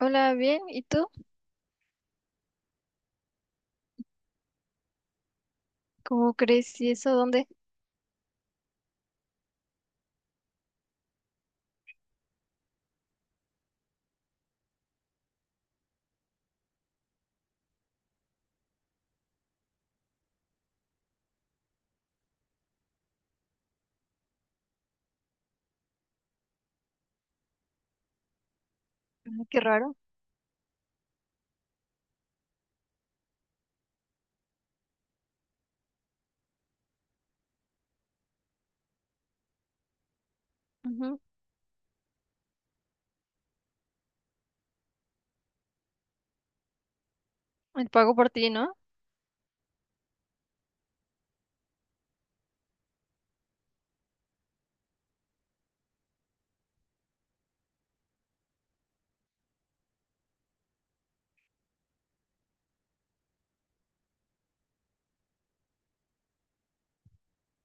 Hola, bien. ¿Y tú? ¿Cómo crees? ¿Y eso dónde? Ah, qué raro. Ujú. El pago por ti, ¿no?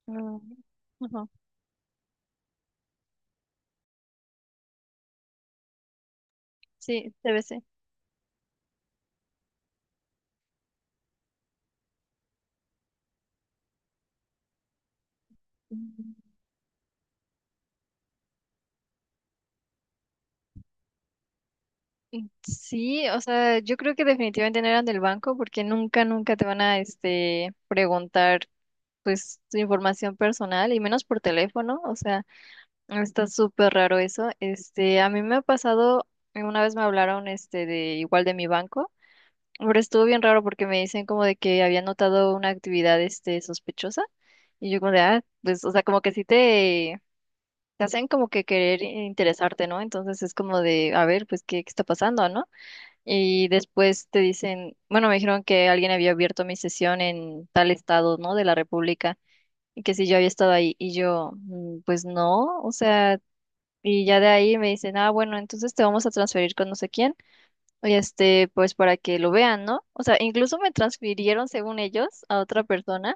Mm, ujú. Sí, TBC. Mm, mm, sí, o sea, yo creo que definitivamente no eran del banco porque nunca te van a, este, preguntar, pues, tu información personal y menos por teléfono. O sea, está súper raro eso. Este, a mí me ha pasado, una vez me hablaron, este, de igual de mi banco. Pero estuvo bien raro porque me dicen como de que había notado una actividad este sospechosa y yo como de, ah, pues, o sea, como que sí te hacen como que querer interesarte, ¿no? Entonces es como de, a ver, pues, ¿qué, qué está pasando, no? Y después te dicen, bueno, me dijeron que alguien había abierto mi sesión en tal estado, ¿no? De la República y que si yo había estado ahí y yo, "Mm, pues no, o sea, y ya de ahí me dicen, ah, bueno, entonces te vamos a transferir con no sé quién, este, pues para que lo vean, ¿no? O sea, incluso me transfirieron, según ellos, a otra persona.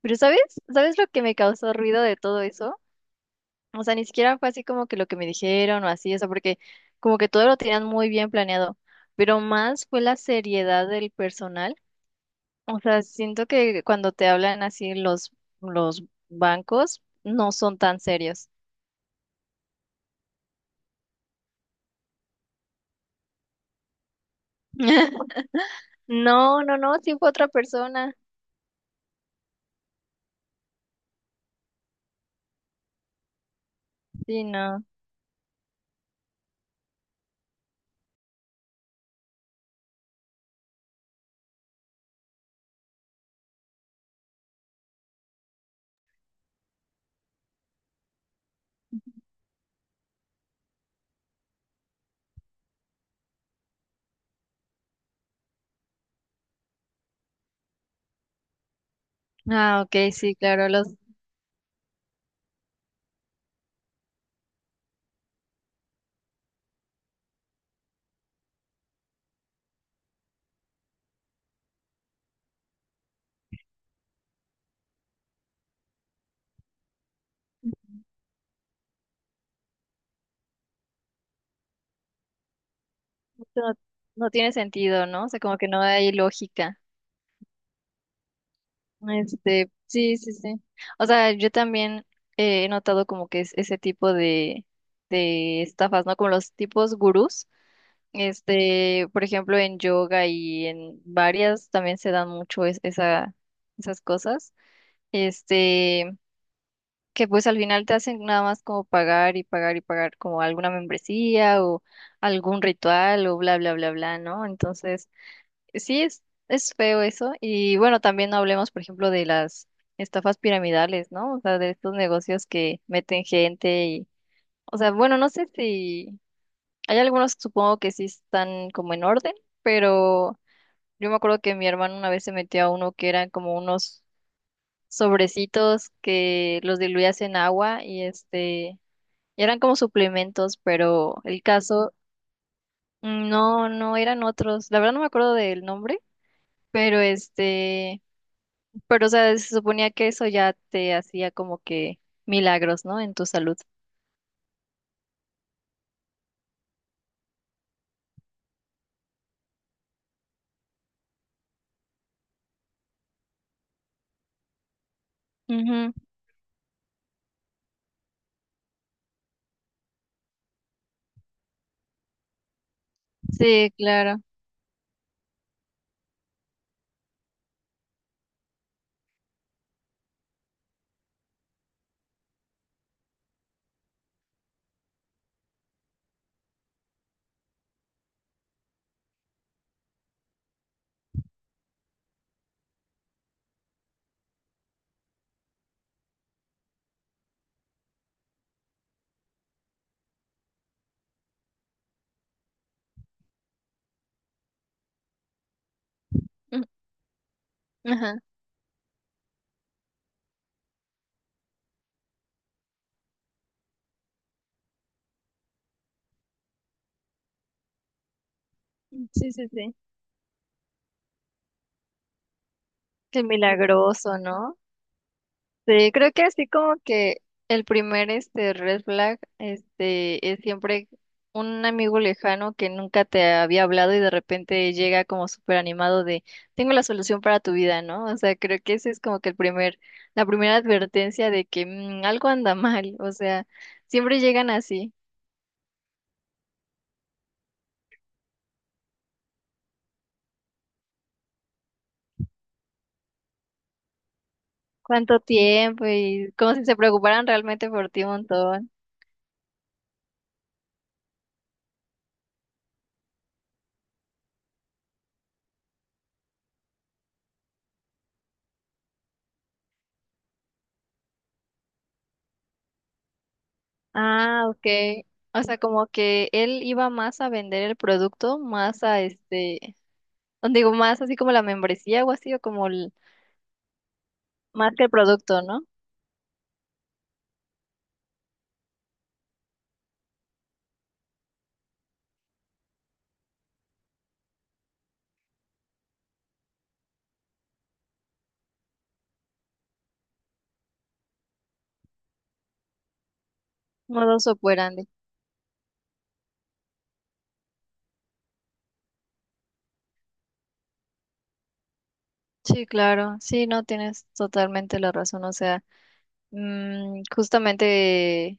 Pero ¿sabes? ¿Sabes lo que me causó ruido de todo eso? O sea, ni siquiera fue así como que lo que me dijeron o así, o sea, porque como que todo lo tenían muy bien planeado. Pero más fue la seriedad del personal. O sea, siento que cuando te hablan así los bancos, no son tan serios. No, no, no, sí fue otra persona. Sí, no. Ah, ok, sí, claro, los, no, no tiene sentido, ¿no? O sea, como que no hay lógica. Este, sí, sí, sí. O sea, yo también, he notado como que es ese tipo de estafas, ¿no? Como los tipos gurús. Este, por ejemplo, en yoga y en varias también se dan mucho esa, esas cosas. Este, que pues al final te hacen nada más como pagar y pagar y pagar como alguna membresía o algún ritual o bla, bla, bla, bla, ¿no? Entonces... Sí, es feo eso. Y bueno, también no hablemos, por ejemplo, de las estafas piramidales, ¿no? O sea, de estos negocios que meten gente y, o sea, bueno, no sé si hay algunos que supongo que sí están como en orden, pero yo me acuerdo que mi hermano una vez se metió a uno que eran como unos sobrecitos que los diluías en agua y este, y eran como suplementos, pero el caso, mm, no, no eran otros. La verdad no me acuerdo del nombre, pero este... Pero, o sea, se suponía que eso ya te hacía como que milagros, ¿no? En tu salud. Ujú. Sí, claro. Mm. Ajá. Sí, sí, sí. Qué milagroso, ¿no? Sí, creo que así como que el primer este red flag este es siempre un amigo lejano que nunca te había hablado y de repente llega como súper animado de tengo la solución para tu vida, ¿no? O sea, creo que ese es como que el primer, la primera advertencia de que mm, algo anda mal, o sea, siempre llegan así. ¿Cuánto tiempo? Y como si se preocuparan realmente por ti un montón. Ah, ok. O sea, como que él iba más a vender el producto, más a este, o digo, más así como la membresía o así, o como el- más que el producto, ¿no? Modus operandi. Sí, claro, sí, no, tienes totalmente la razón. O sea, mm, justamente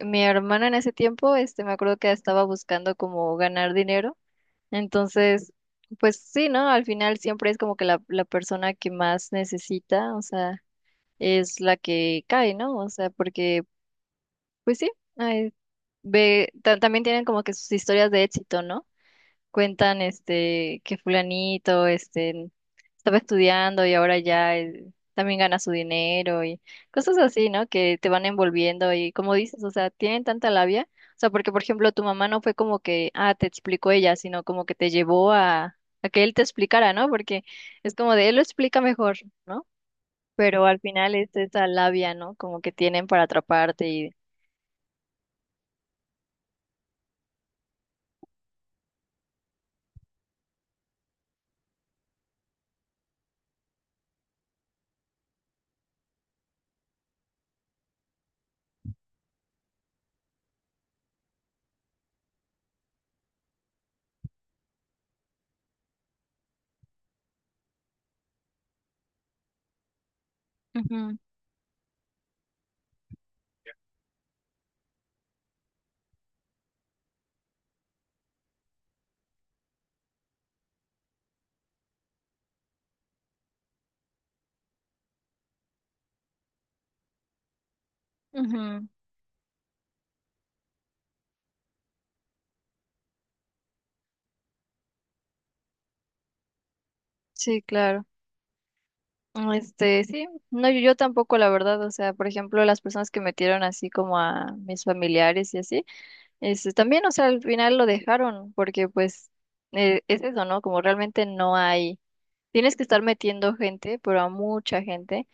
mi hermana en ese tiempo, este, me acuerdo que estaba buscando como ganar dinero. Entonces, pues sí, ¿no? Al final siempre es como que la persona que más necesita, o sea, es la que cae, ¿no? O sea, porque, pues sí, ay, ve, ta- también tienen como que sus historias de éxito, ¿no? Cuentan este que fulanito este estaba estudiando y ahora ya, también gana su dinero y cosas así, ¿no? Que te van envolviendo y como dices, o sea, tienen tanta labia, o sea, porque por ejemplo tu mamá no fue como que, ah, te explicó ella, sino como que te llevó a que él te explicara, ¿no? Porque es como de él lo explica mejor, ¿no? Pero al final es esa labia, ¿no? Como que tienen para atraparte y... Ujú, ujú. Sí, claro. Este, sí, no, yo tampoco, la verdad, o sea, por ejemplo, las personas que metieron así como a mis familiares y así, este, también, o sea, al final lo dejaron, porque pues, es eso, ¿no? Como realmente no hay, tienes que estar metiendo gente, pero a mucha gente,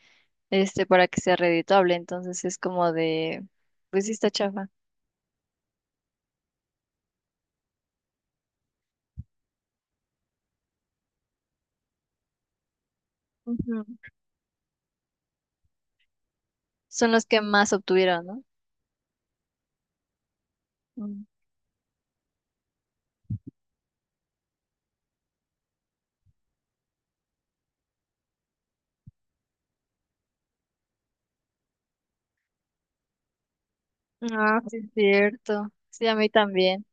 este, para que sea redituable, entonces es como de, pues sí está chafa. Ujú. Son los que más obtuvieron, ¿no? Mm. Ah, sí, es cierto. Sí, a mí también.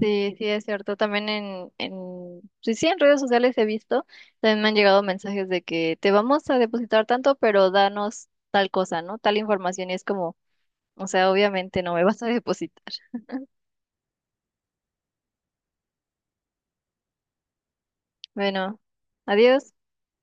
Sí, sí, es cierto. También en, sí, sí, en redes sociales he visto, también me han llegado mensajes de que te vamos a depositar tanto, pero danos tal cosa, ¿no? Tal información y es como, o sea, obviamente no me vas a depositar. Bueno, adiós.